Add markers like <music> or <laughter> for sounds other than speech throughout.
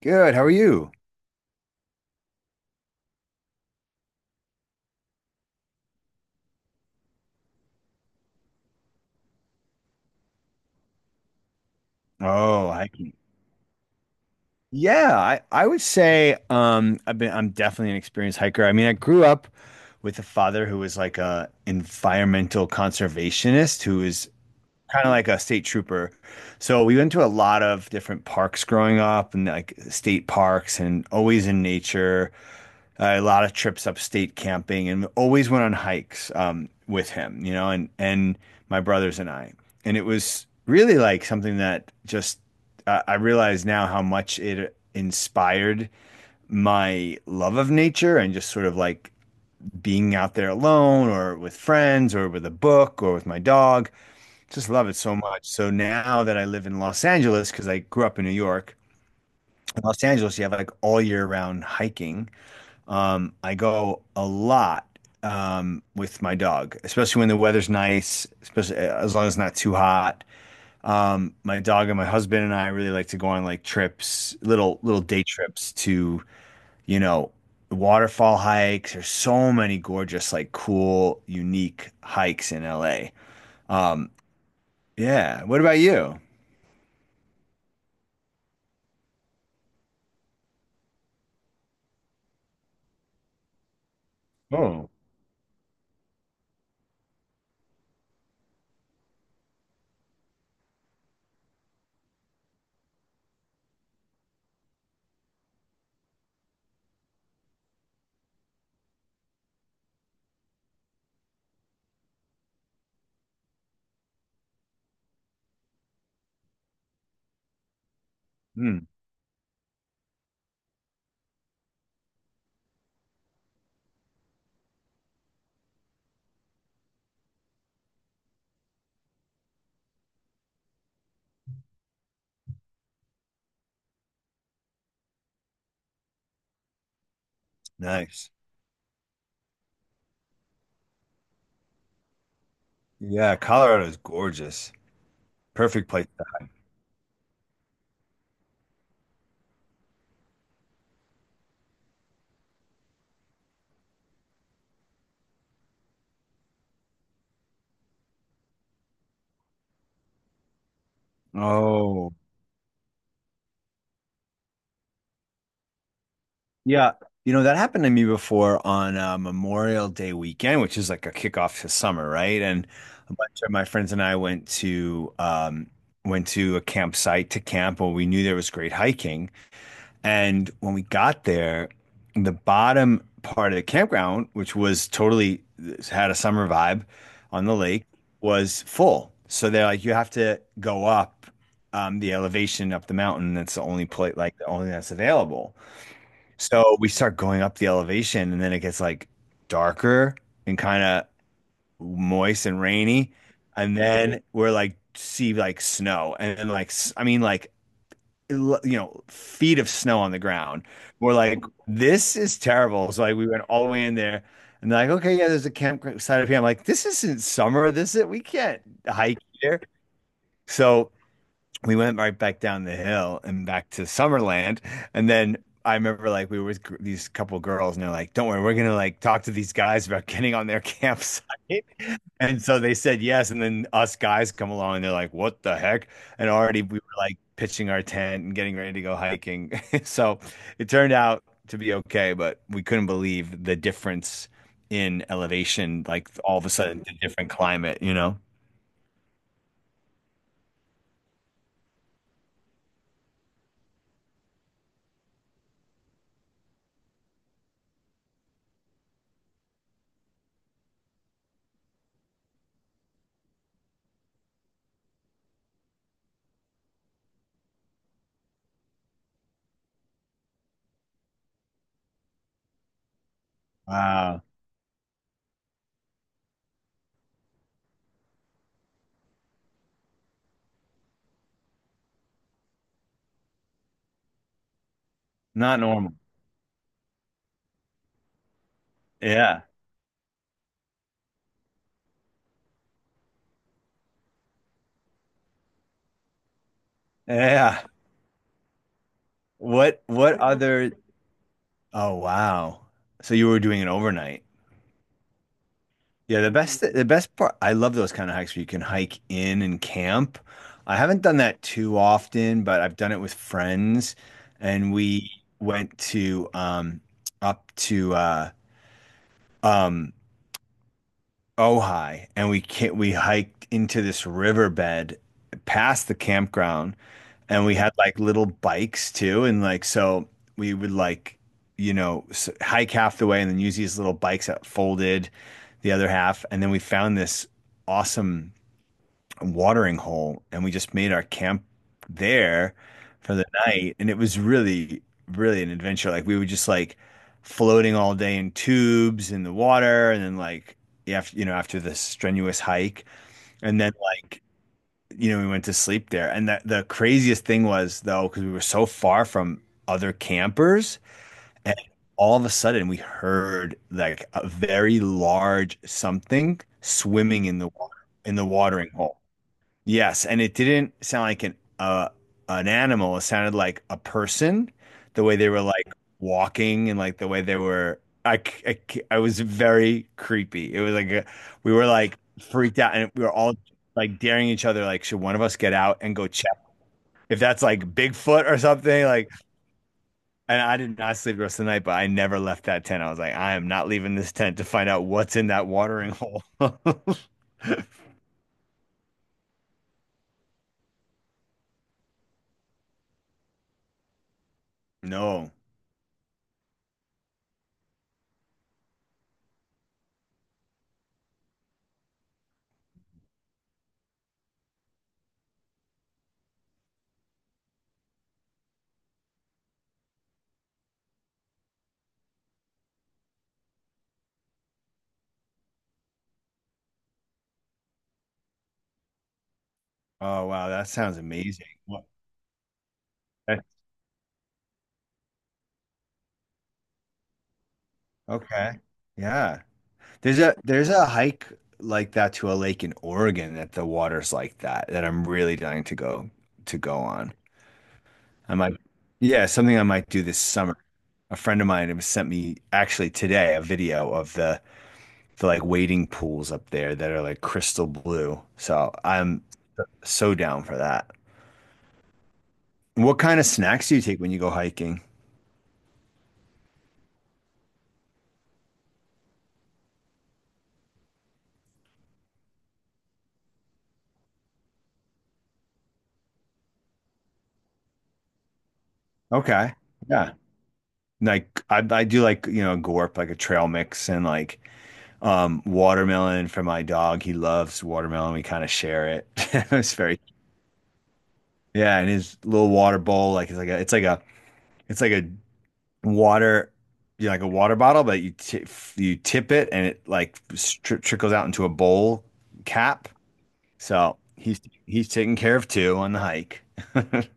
Good. How are you? Oh, hiking. Yeah, I would say I'm definitely an experienced hiker. I mean, I grew up with a father who was like a environmental conservationist who was kind of like a state trooper. So we went to a lot of different parks growing up and like state parks and always in nature. A lot of trips upstate camping and always went on hikes with him, and my brothers and I. And it was really like something that just I realize now how much it inspired my love of nature and just sort of like being out there alone or with friends or with a book or with my dog. Just love it so much. So now that I live in Los Angeles, because I grew up in New York, in Los Angeles, you have like all year round hiking. I go a lot with my dog, especially when the weather's nice, especially as long as it's not too hot. My dog and my husband and I really like to go on like trips, little day trips to, you know, waterfall hikes. There's so many gorgeous, like cool, unique hikes in LA. Um, yeah. What about you? Oh, mm, nice. Yeah, Colorado is gorgeous. Perfect place. Oh, yeah, you know, that happened to me before on Memorial Day weekend, which is like a kickoff to summer, right? And a bunch of my friends and I went to went to a campsite to camp where we knew there was great hiking. And when we got there, the bottom part of the campground, which was totally had a summer vibe on the lake, was full. So they're like, you have to go up the elevation up the mountain. That's the only place, like the only that's available. So we start going up the elevation, and then it gets like darker and kind of moist and rainy. And then we're like, see like snow, and then like, I mean, like, you know, feet of snow on the ground. We're like, this is terrible. So like, we went all the way in there, and they're like, okay, yeah, there's a campsite up here. I'm like, this isn't summer. This is, we can't hike here. So we went right back down the hill and back to Summerland. And then I remember like we were with these couple girls and they're like, don't worry, we're gonna like talk to these guys about getting on their campsite. <laughs> And so they said yes. And then us guys come along and they're like, what the heck? And already we were like pitching our tent and getting ready to go hiking. <laughs> So it turned out to be okay, but we couldn't believe the difference in elevation, like all of a sudden, a different climate, you know? Wow. Not normal. Yeah. Yeah. What other oh wow. So you were doing it overnight. Yeah, the best part, I love those kind of hikes where you can hike in and camp. I haven't done that too often, but I've done it with friends and we went to up to um Ojai and we hiked into this riverbed past the campground. And we had like little bikes too. And like, so we would like, you know, hike half the way and then use these little bikes that folded the other half. And then we found this awesome watering hole and we just made our camp there for the night. And it was really, really an adventure. Like, we were just like floating all day in tubes in the water. And then, like, after, you know, after this strenuous hike. And then, like, you know, we went to sleep there. And the craziest thing was though, because we were so far from other campers, and all of a sudden we heard like a very large something swimming in the water in the watering hole. Yes, and it didn't sound like an animal. It sounded like a person, the way they were like walking and like the way they were. I was very creepy. It was like a, we were like freaked out, and we were all like daring each other. Like, should one of us get out and go check if that's like Bigfoot or something? Like, and I did not sleep the rest of the night, but I never left that tent. I was like, I am not leaving this tent to find out what's in that watering hole. <laughs> No. Oh wow, that sounds amazing. What? Okay. Yeah. There's a hike like that to a lake in Oregon that the water's like that, that I'm really dying to go on. I might, yeah, something I might do this summer. A friend of mine has sent me actually today a video of the like wading pools up there that are like crystal blue. So I'm so down for that. What kind of snacks do you take when you go hiking? Okay. Yeah. Like I do like, you know, a gorp, like a trail mix and like watermelon for my dog. He loves watermelon. We kind of share it. <laughs> It's very yeah, and his little water bowl, like it's like a water, you know, like a water bottle, but you ti you tip it and it like stri trickles out into a bowl cap. So he's taken care of too on the hike. <laughs>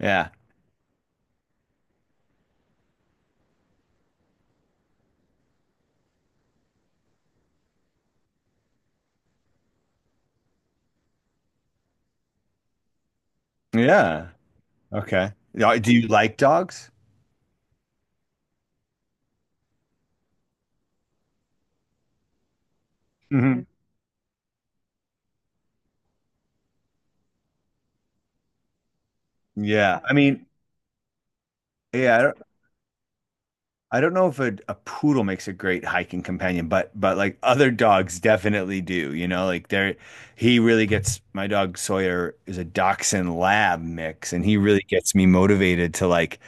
Yeah, yeah, okay. Yeah, do you like dogs? Hmm. Yeah, I mean, yeah. I don't know if a, a poodle makes a great hiking companion, but like other dogs definitely do. You know, like they're, he really gets, my dog Sawyer is a dachshund lab mix, and he really gets me motivated to like.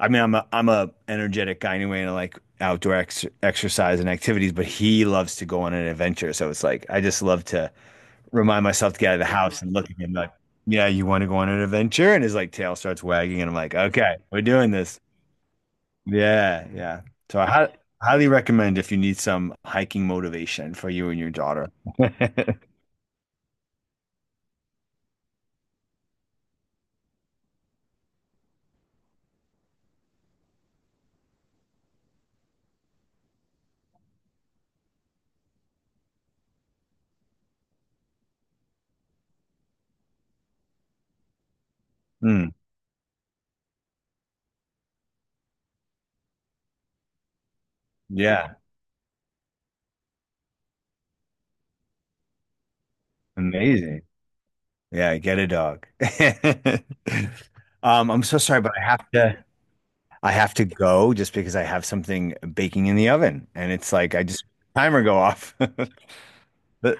I mean, I'm a energetic guy anyway, and I like outdoor ex exercise and activities, but he loves to go on an adventure. So it's like I just love to remind myself to get out of the house and look at him like, yeah, you want to go on an adventure? And his like tail starts wagging, and I'm like, okay, we're doing this. Yeah, yeah. So I highly recommend if you need some hiking motivation for you and your daughter. <laughs> Mm, yeah, amazing. Yeah, get a dog. <laughs> I'm so sorry, but I have to go just because I have something baking in the oven and it's like I just timer go off. <laughs> But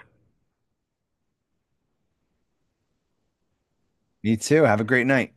me too. Have a great night.